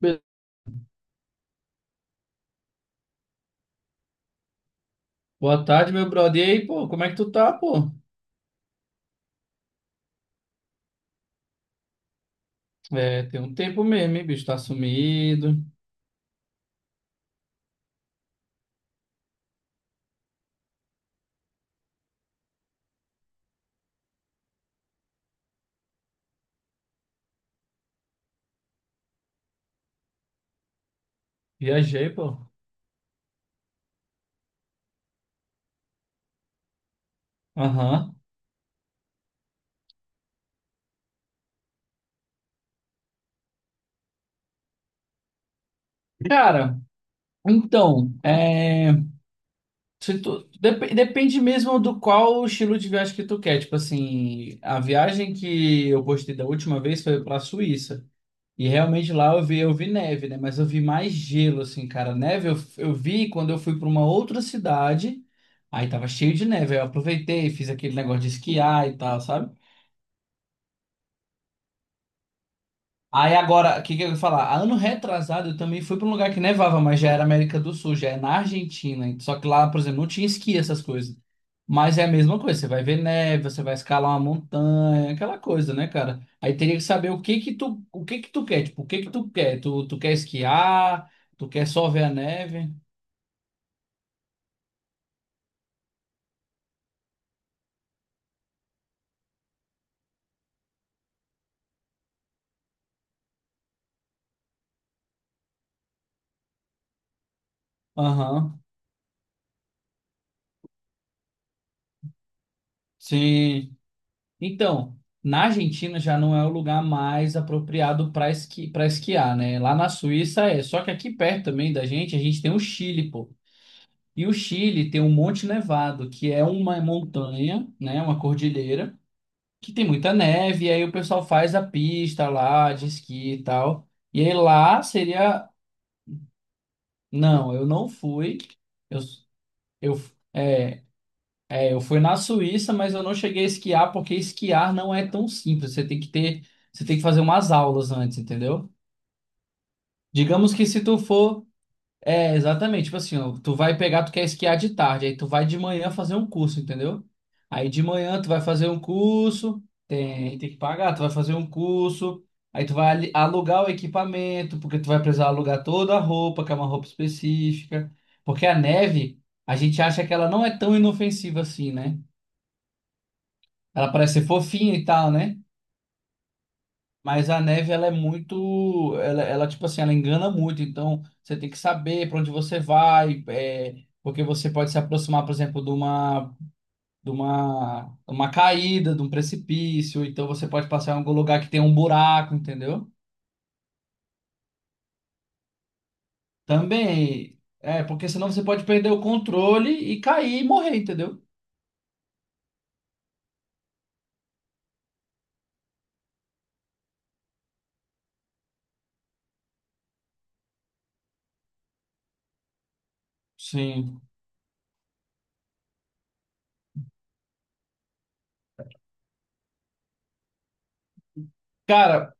Be- Boa tarde, meu brother. E aí, pô, como é que tu tá, pô? É, tem um tempo mesmo, hein, bicho? Tá sumido. Viajei, pô. Aham. Cara, então, é, se tu- dep- depende mesmo do qual estilo de viagem que tu quer. Tipo assim, a viagem que eu postei da última vez foi pra Suíça. E realmente lá eu vi neve, né? Mas eu vi mais gelo, assim, cara. Neve eu vi quando eu fui pra uma outra cidade. Aí tava cheio de neve. Aí eu aproveitei, fiz aquele negócio de esquiar e tal, sabe? Aí agora, o que que eu ia falar? Ano retrasado eu também fui para um lugar que nevava, mas já era América do Sul, já é na Argentina. Só que lá, por exemplo, não tinha esqui, essas coisas. Mas é a mesma coisa, você vai ver neve, você vai escalar uma montanha, aquela coisa, né, cara? Aí teria que saber o que que tu, o que que tu quer, tipo, o que que tu quer? Tu quer esquiar? Tu quer só ver a neve? Aham. Sim. Então, na Argentina já não é o lugar mais apropriado para esqui, para esquiar, né? Lá na Suíça é. Só que aqui perto também da gente, a gente tem o Chile, pô. E o Chile tem o Monte Nevado, que é uma montanha, né? Uma cordilheira, que tem muita neve, e aí o pessoal faz a pista lá de esqui e tal. E aí lá seria. Não, eu não fui. Eu, eu, Eu fui na Suíça, mas eu não cheguei a esquiar porque esquiar não é tão simples. Você tem que fazer umas aulas antes, entendeu? Digamos que se tu for, é exatamente, tipo assim, ó, tu vai pegar, tu quer esquiar de tarde, aí tu vai de manhã fazer um curso, entendeu? Aí de manhã tu vai fazer um curso, tem que pagar, tu vai fazer um curso, aí alugar o equipamento, porque tu vai precisar alugar toda a roupa, que é uma roupa específica, porque a neve, a gente acha que ela não é tão inofensiva assim, né? Ela parece ser fofinha e tal, né? Mas a neve, ela é muito. Tipo assim, ela engana muito. Então, você tem que saber para onde você vai, é, porque você pode se aproximar, por exemplo, uma caída, de um precipício. Então, você pode passar em algum lugar que tem um buraco, entendeu? Também. É, porque senão você pode perder o controle e cair e morrer, entendeu? Sim. Cara,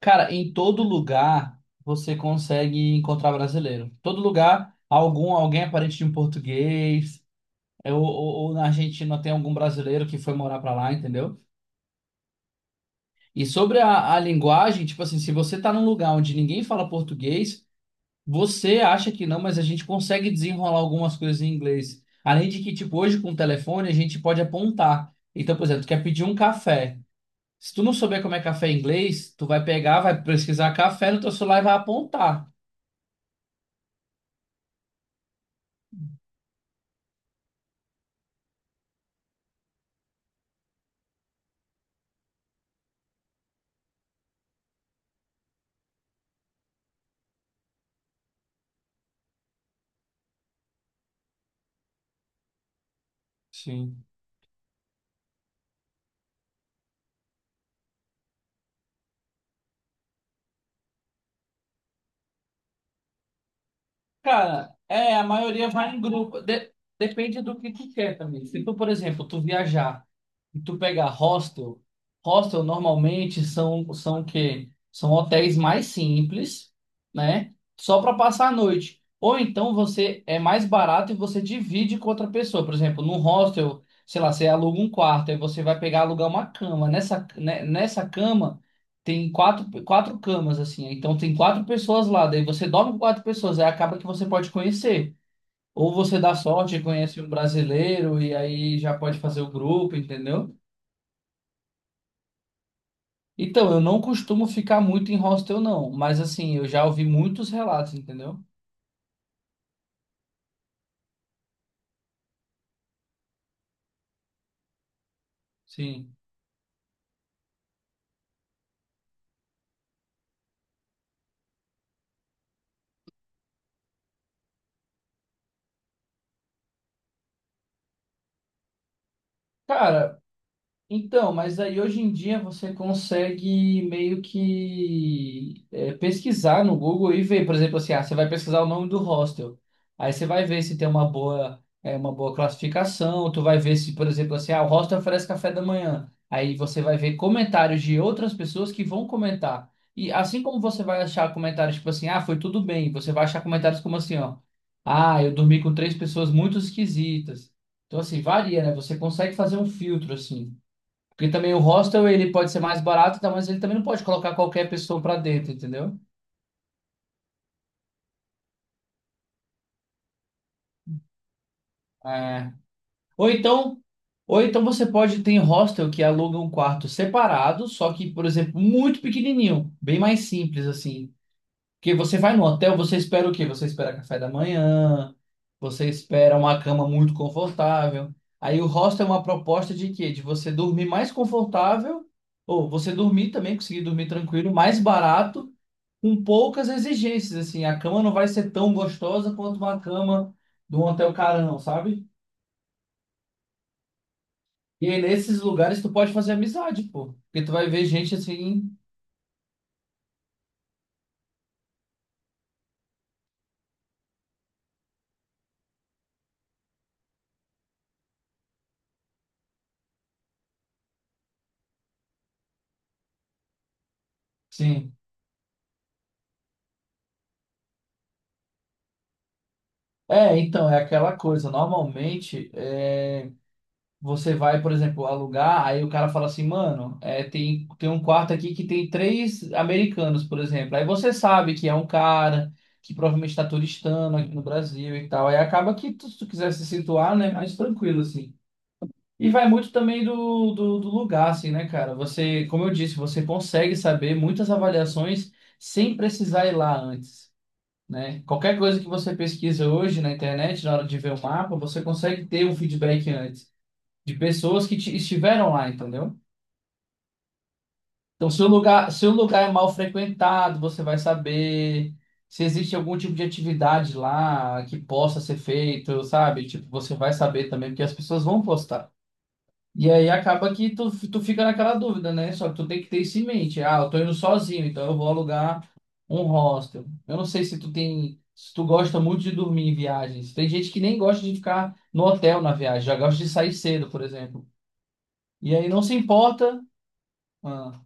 Em todo lugar você consegue encontrar brasileiro. Todo lugar, algum, alguém é parente de um português, é, ou na Argentina tem algum brasileiro que foi morar pra lá, entendeu? E sobre a linguagem, tipo assim, se você tá num lugar onde ninguém fala português, você acha que não, mas a gente consegue desenrolar algumas coisas em inglês. Além de que, tipo, hoje com o telefone a gente pode apontar. Então, por exemplo, tu quer pedir um café. Se tu não souber como é café em inglês, tu vai pegar, vai pesquisar café no teu celular e vai apontar. Sim. Cara, é, a maioria vai em grupo. Depende do que tu quer também. Se tu, por exemplo, tu viajar e tu pegar hostel, hostel normalmente são o quê? São hotéis mais simples, né? Só para passar a noite. Ou então você é mais barato e você divide com outra pessoa. Por exemplo, num hostel, sei lá, você aluga um quarto, aí você vai pegar alugar uma cama. Nessa, né, nessa cama. Tem quatro camas, assim, né? Então tem quatro pessoas lá. Daí você dorme com quatro pessoas. Aí acaba que você pode conhecer. Ou você dá sorte e conhece um brasileiro e aí já pode fazer o grupo, entendeu? Então, eu não costumo ficar muito em hostel, não. Mas, assim, eu já ouvi muitos relatos, entendeu? Sim. Cara, então, mas aí hoje em dia você consegue meio que é, pesquisar no Google e ver, por exemplo, assim, ah, você vai pesquisar o nome do hostel. Aí você vai ver se tem uma boa classificação, tu vai ver se, por exemplo, assim, ah, o hostel oferece café da manhã. Aí você vai ver comentários de outras pessoas que vão comentar. E assim como você vai achar comentários tipo assim, ah, foi tudo bem, você vai achar comentários como assim, ó, ah, eu dormi com três pessoas muito esquisitas. Então, assim, varia, né? Você consegue fazer um filtro, assim. Porque também o hostel ele pode ser mais barato, tá? Mas ele também não pode colocar qualquer pessoa pra dentro, entendeu? É. Ou então, ou então você pode ter hostel que aluga um quarto separado, só que, por exemplo, muito pequenininho, bem mais simples assim. Porque você vai no hotel, você espera o quê? Você espera café da manhã, você espera uma cama muito confortável. Aí o hostel é uma proposta de quê? De você dormir mais confortável, ou você dormir também, conseguir dormir tranquilo, mais barato com poucas exigências, assim. A cama não vai ser tão gostosa quanto uma cama de um hotel carão, sabe? E aí, nesses lugares, tu pode fazer amizade, pô. Porque tu vai ver gente assim, sim. É, então, é aquela coisa. Normalmente, é, você vai, por exemplo, alugar, aí o cara fala assim, mano, é, tem um quarto aqui que tem três americanos, por exemplo. Aí você sabe que é um cara que provavelmente está turistando aqui no Brasil e tal. Aí acaba que, se tu quiser se situar, né, mais tranquilo, assim. E vai muito também do lugar, assim, né, cara? Você, como eu disse, você consegue saber muitas avaliações sem precisar ir lá antes, né? Qualquer coisa que você pesquisa hoje na internet, na hora de ver o mapa, você consegue ter um feedback antes de pessoas que estiveram lá, entendeu? Então, se o lugar, se o lugar é mal frequentado, você vai saber se existe algum tipo de atividade lá que possa ser feito, sabe? Tipo, você vai saber também, porque as pessoas vão postar. E aí acaba que tu, tu fica naquela dúvida, né? Só que tu tem que ter isso em mente. Ah, eu tô indo sozinho, então eu vou alugar um hostel. Eu não sei se tu tem, se tu gosta muito de dormir em viagens. Tem gente que nem gosta de ficar no hotel na viagem, já gosta de sair cedo, por exemplo. E aí não se importa. Ah,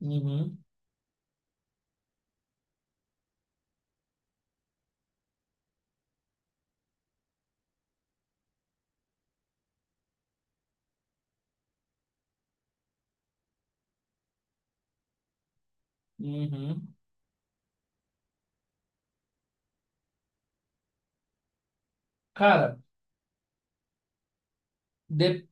uhum, uhum. Cara, de-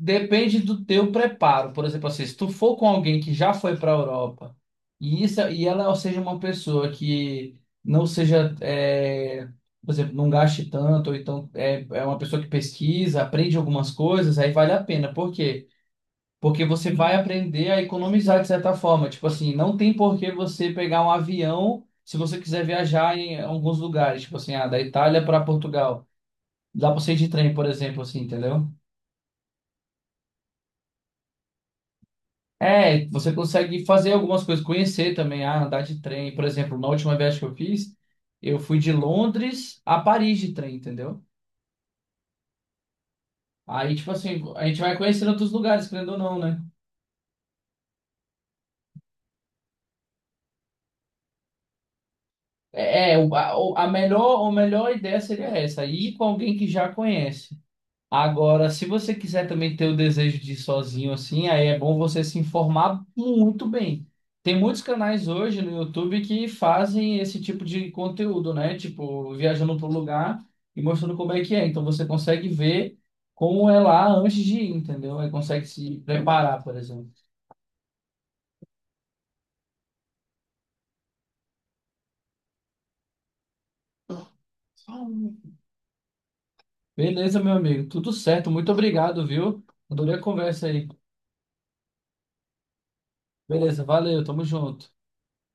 depende do teu preparo. Por exemplo, assim, se tu for com alguém que já foi para a Europa e isso e ela seja uma pessoa que não seja, é, por exemplo, não gaste tanto, ou então é, é uma pessoa que pesquisa, aprende algumas coisas, aí vale a pena. Por quê? Porque você vai aprender a economizar de certa forma. Tipo assim, não tem por que você pegar um avião se você quiser viajar em alguns lugares, tipo assim, ah, da Itália para Portugal. Dá pra você ir de trem, por exemplo, assim, entendeu? É, você consegue fazer algumas coisas, conhecer também, ah, andar de trem. Por exemplo, na última viagem que eu fiz, eu fui de Londres a Paris de trem, entendeu? Aí, tipo assim, a gente vai conhecendo outros lugares, querendo ou não, né? É, é, o- a melhor ideia seria essa, ir com alguém que já conhece. Agora, se você quiser também ter o desejo de ir sozinho assim, aí é bom você se informar muito bem. Tem muitos canais hoje no YouTube que fazem esse tipo de conteúdo, né? Tipo, viajando para o lugar e mostrando como é que é. Então você consegue ver como é lá antes de ir, entendeu? Aí consegue se preparar, por exemplo. Beleza, meu amigo. Tudo certo. Muito obrigado, viu? Adorei a conversa aí. Beleza, valeu. Tamo junto.